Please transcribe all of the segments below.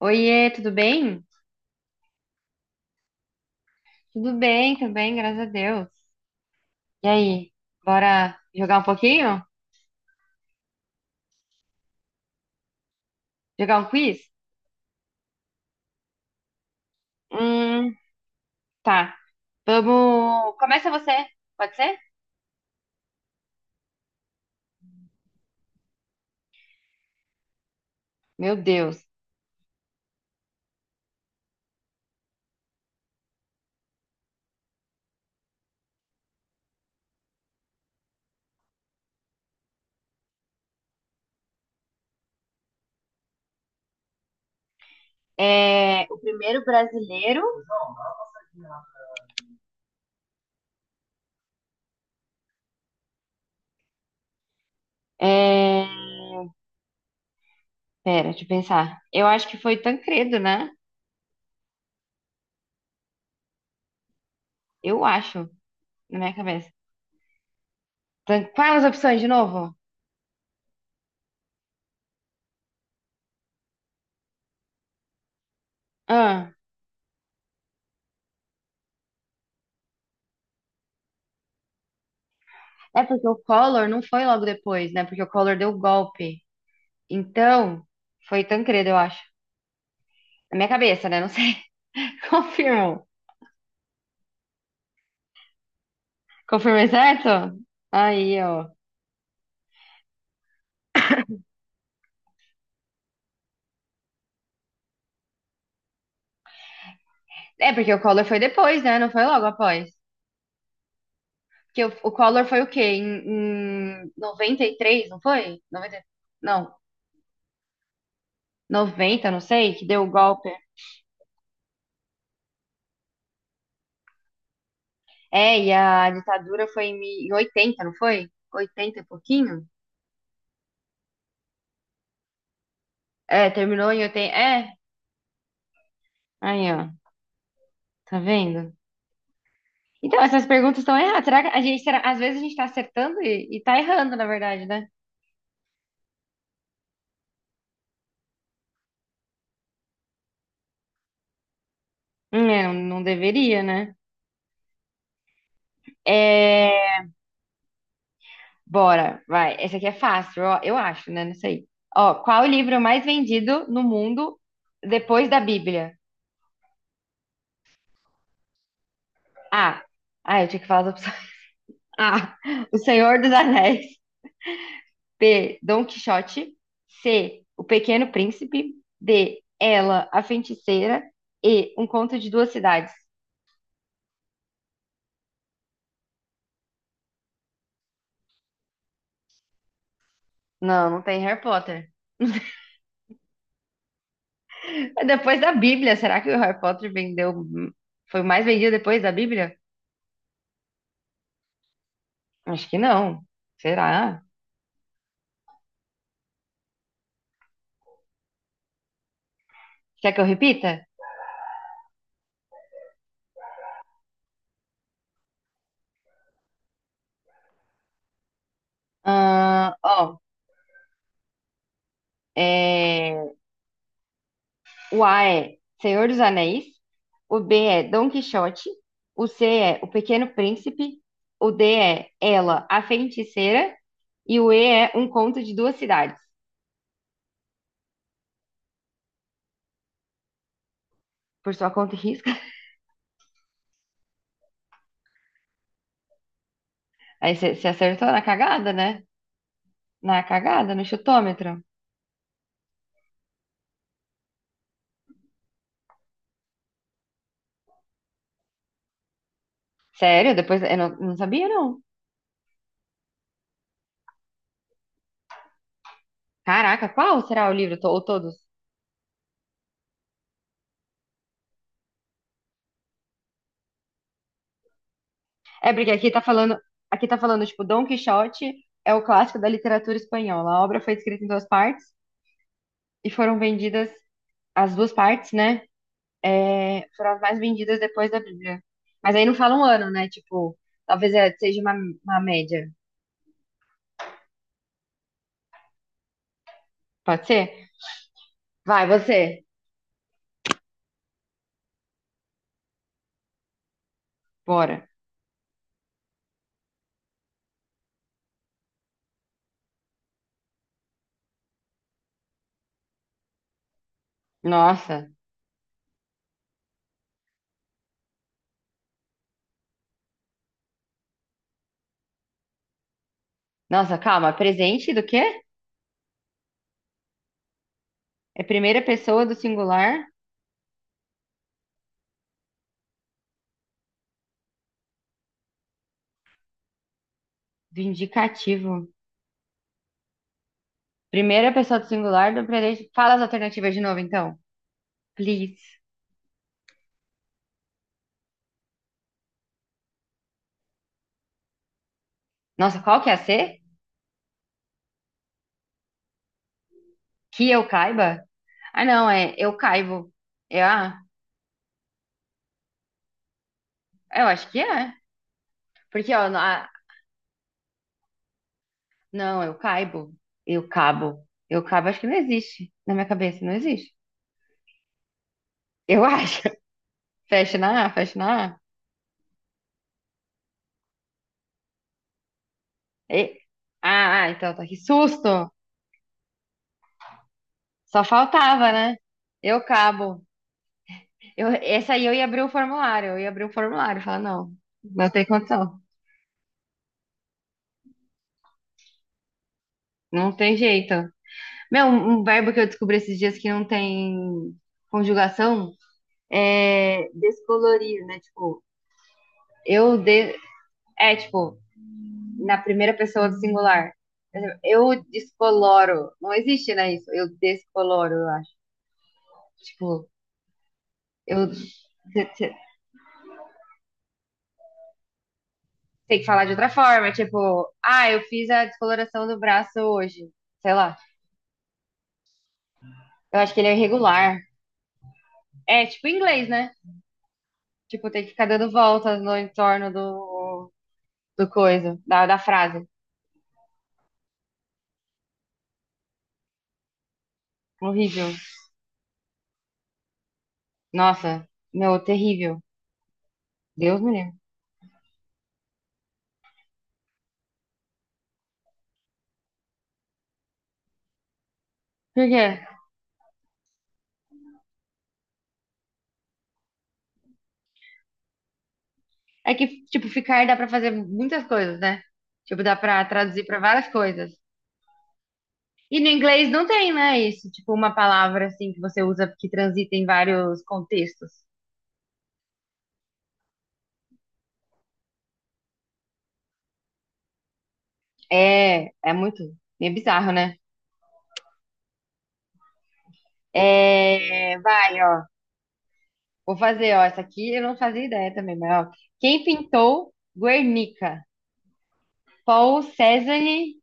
Oiê, tudo bem? Tudo bem também, graças a Deus. E aí, bora jogar um pouquinho? Jogar um quiz? Hum, tá. Vamos. Começa você, pode ser? Meu Deus. É, o primeiro brasileiro. É... Pera, deixa eu pensar. Eu acho que foi Tancredo, né? Eu acho, na minha cabeça. Quais as opções de novo? Ah, é porque o Collor não foi logo depois, né? Porque o Collor deu o golpe. Então, foi Tancredo, eu acho. Na minha cabeça, né? Não sei. Confirmo. Confirmei certo? Aí, ó. É, porque o Collor foi depois, né? Não foi logo após. Porque o Collor foi o quê? Em 93 não foi? Noventa não, 90 não sei, que deu o golpe. É, e a ditadura foi em 80 não foi? Oitenta e pouquinho? É, terminou em oitenta. Aí, ó. Tá vendo? Então, essas perguntas estão erradas. Será que a gente, será, às vezes a gente tá acertando e tá errando, na verdade, né? Não, não deveria, né? É, Bora, vai. Essa aqui é fácil, ó, eu acho, né? Não sei. Ó, qual o livro mais vendido no mundo depois da Bíblia? A. Ah, eu tinha que falar as opções. A. O Senhor dos Anéis. B. Dom Quixote. C. O Pequeno Príncipe. D. Ela, a Feiticeira. E. Um Conto de Duas Cidades. Não, não tem Harry Potter. É depois da Bíblia. Será que o Harry Potter vendeu. Foi o mais vendido depois da Bíblia? Acho que não. Será? Quer que eu repita? Ah, ó, é, o A é Senhor dos Anéis, o B é Dom Quixote, o C é O Pequeno Príncipe, o D é Ela, a Feiticeira, e o E é Um Conto de Duas Cidades. Por sua conta e risco. Aí você acertou na cagada, né? Na cagada, no chutômetro. Sério? Depois eu não sabia, não. Caraca, qual será o livro? Ou todos? É porque aqui tá falando, tipo, Dom Quixote é o clássico da literatura espanhola. A obra foi escrita em duas partes e foram vendidas as duas partes, né? Foram as mais vendidas depois da Bíblia. Mas aí não fala um ano, né? Tipo, talvez seja uma média. Pode ser? Vai, você. Bora. Nossa. Nossa, calma. Presente do quê? É primeira pessoa do singular do indicativo. Primeira pessoa do singular do presente. Fala as alternativas de novo, então. Please. Nossa, qual que é a C? Que eu caiba? Ah, não, é eu caibo. É a. Eu acho que é. Porque, ó, a, Não, eu caibo. Eu cabo. Eu cabo, acho que não existe. Na minha cabeça, não existe. Eu acho. Fecha na A. E- ah, então tá. Que susto! Só faltava, né? Eu cabo. Eu, essa aí eu ia abrir o formulário. Eu ia abrir o formulário. Falar, não, não tem condição. Não tem jeito. Meu, um verbo que eu descobri esses dias que não tem conjugação é descolorir, né? Tipo, eu de... É, tipo, na primeira pessoa do singular. Eu descoloro. Não existe, né, isso? Eu descoloro, eu acho. Tipo, eu tem que falar de outra forma, tipo, ah, eu fiz a descoloração do braço hoje. Sei lá. Eu acho que ele é irregular. É tipo inglês, né? Tipo, tem que ficar dando voltas no entorno do coisa, da frase. Horrível. Nossa, meu, terrível. Deus me livre. Por quê? É que, tipo, ficar dá pra fazer muitas coisas, né? Tipo, dá pra traduzir pra várias coisas. E no inglês não tem, né? Isso, tipo, uma palavra assim que você usa que transita em vários contextos. É, muito, meio bizarro, né? É, vai, ó. Vou fazer, ó. Essa aqui eu não fazia ideia também, mas ó. Quem pintou Guernica? Paul Cézanne,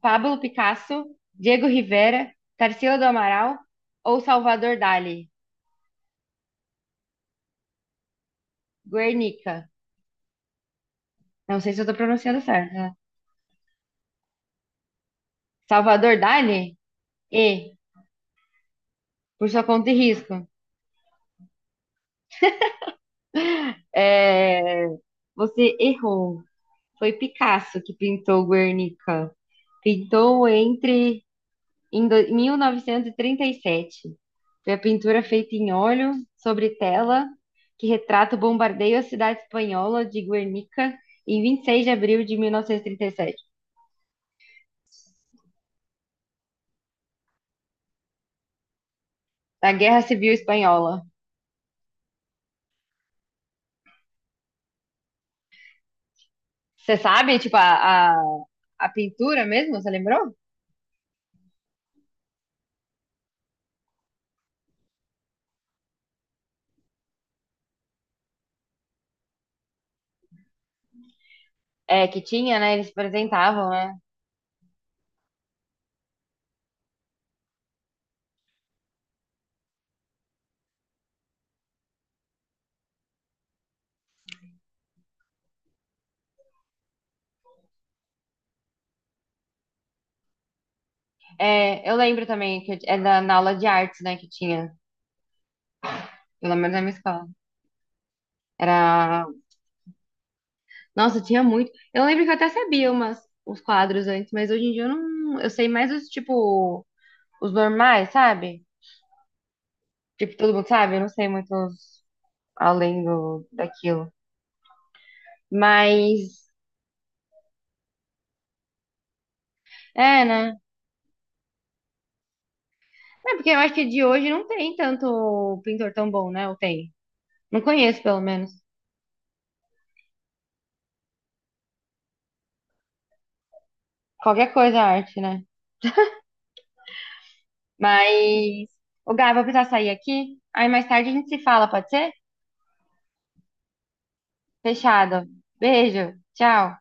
Pablo Picasso, Diego Rivera, Tarsila do Amaral ou Salvador Dali? Guernica. Não sei se eu tô pronunciando certo, né? Salvador Dali? E, por sua conta e risco. É, Você errou. Foi Picasso que pintou Guernica. Pintou entre 1937. Foi a pintura feita em óleo sobre tela que retrata o bombardeio à cidade espanhola de Guernica em 26 de abril de 1937, da Guerra Civil Espanhola. Você sabe, tipo, a pintura mesmo, você lembrou? É, que tinha, né? Eles apresentavam, né? É, eu lembro também que da, na aula de artes, né, que tinha, pelo menos na minha escola. Era. Nossa, tinha muito. Eu lembro que eu até sabia umas, uns quadros antes, mas hoje em dia eu não. Eu sei mais os, tipo, os normais, sabe? Tipo, todo mundo sabe? Eu não sei muito além do, daquilo. Mas. É, né? É, porque eu acho que de hoje não tem tanto pintor tão bom, né? Ou tem? Não conheço, pelo menos. Qualquer coisa é arte, né? Mas, ô Gá, eu vou precisar sair aqui. Aí mais tarde a gente se fala, pode ser? Fechado. Beijo. Tchau.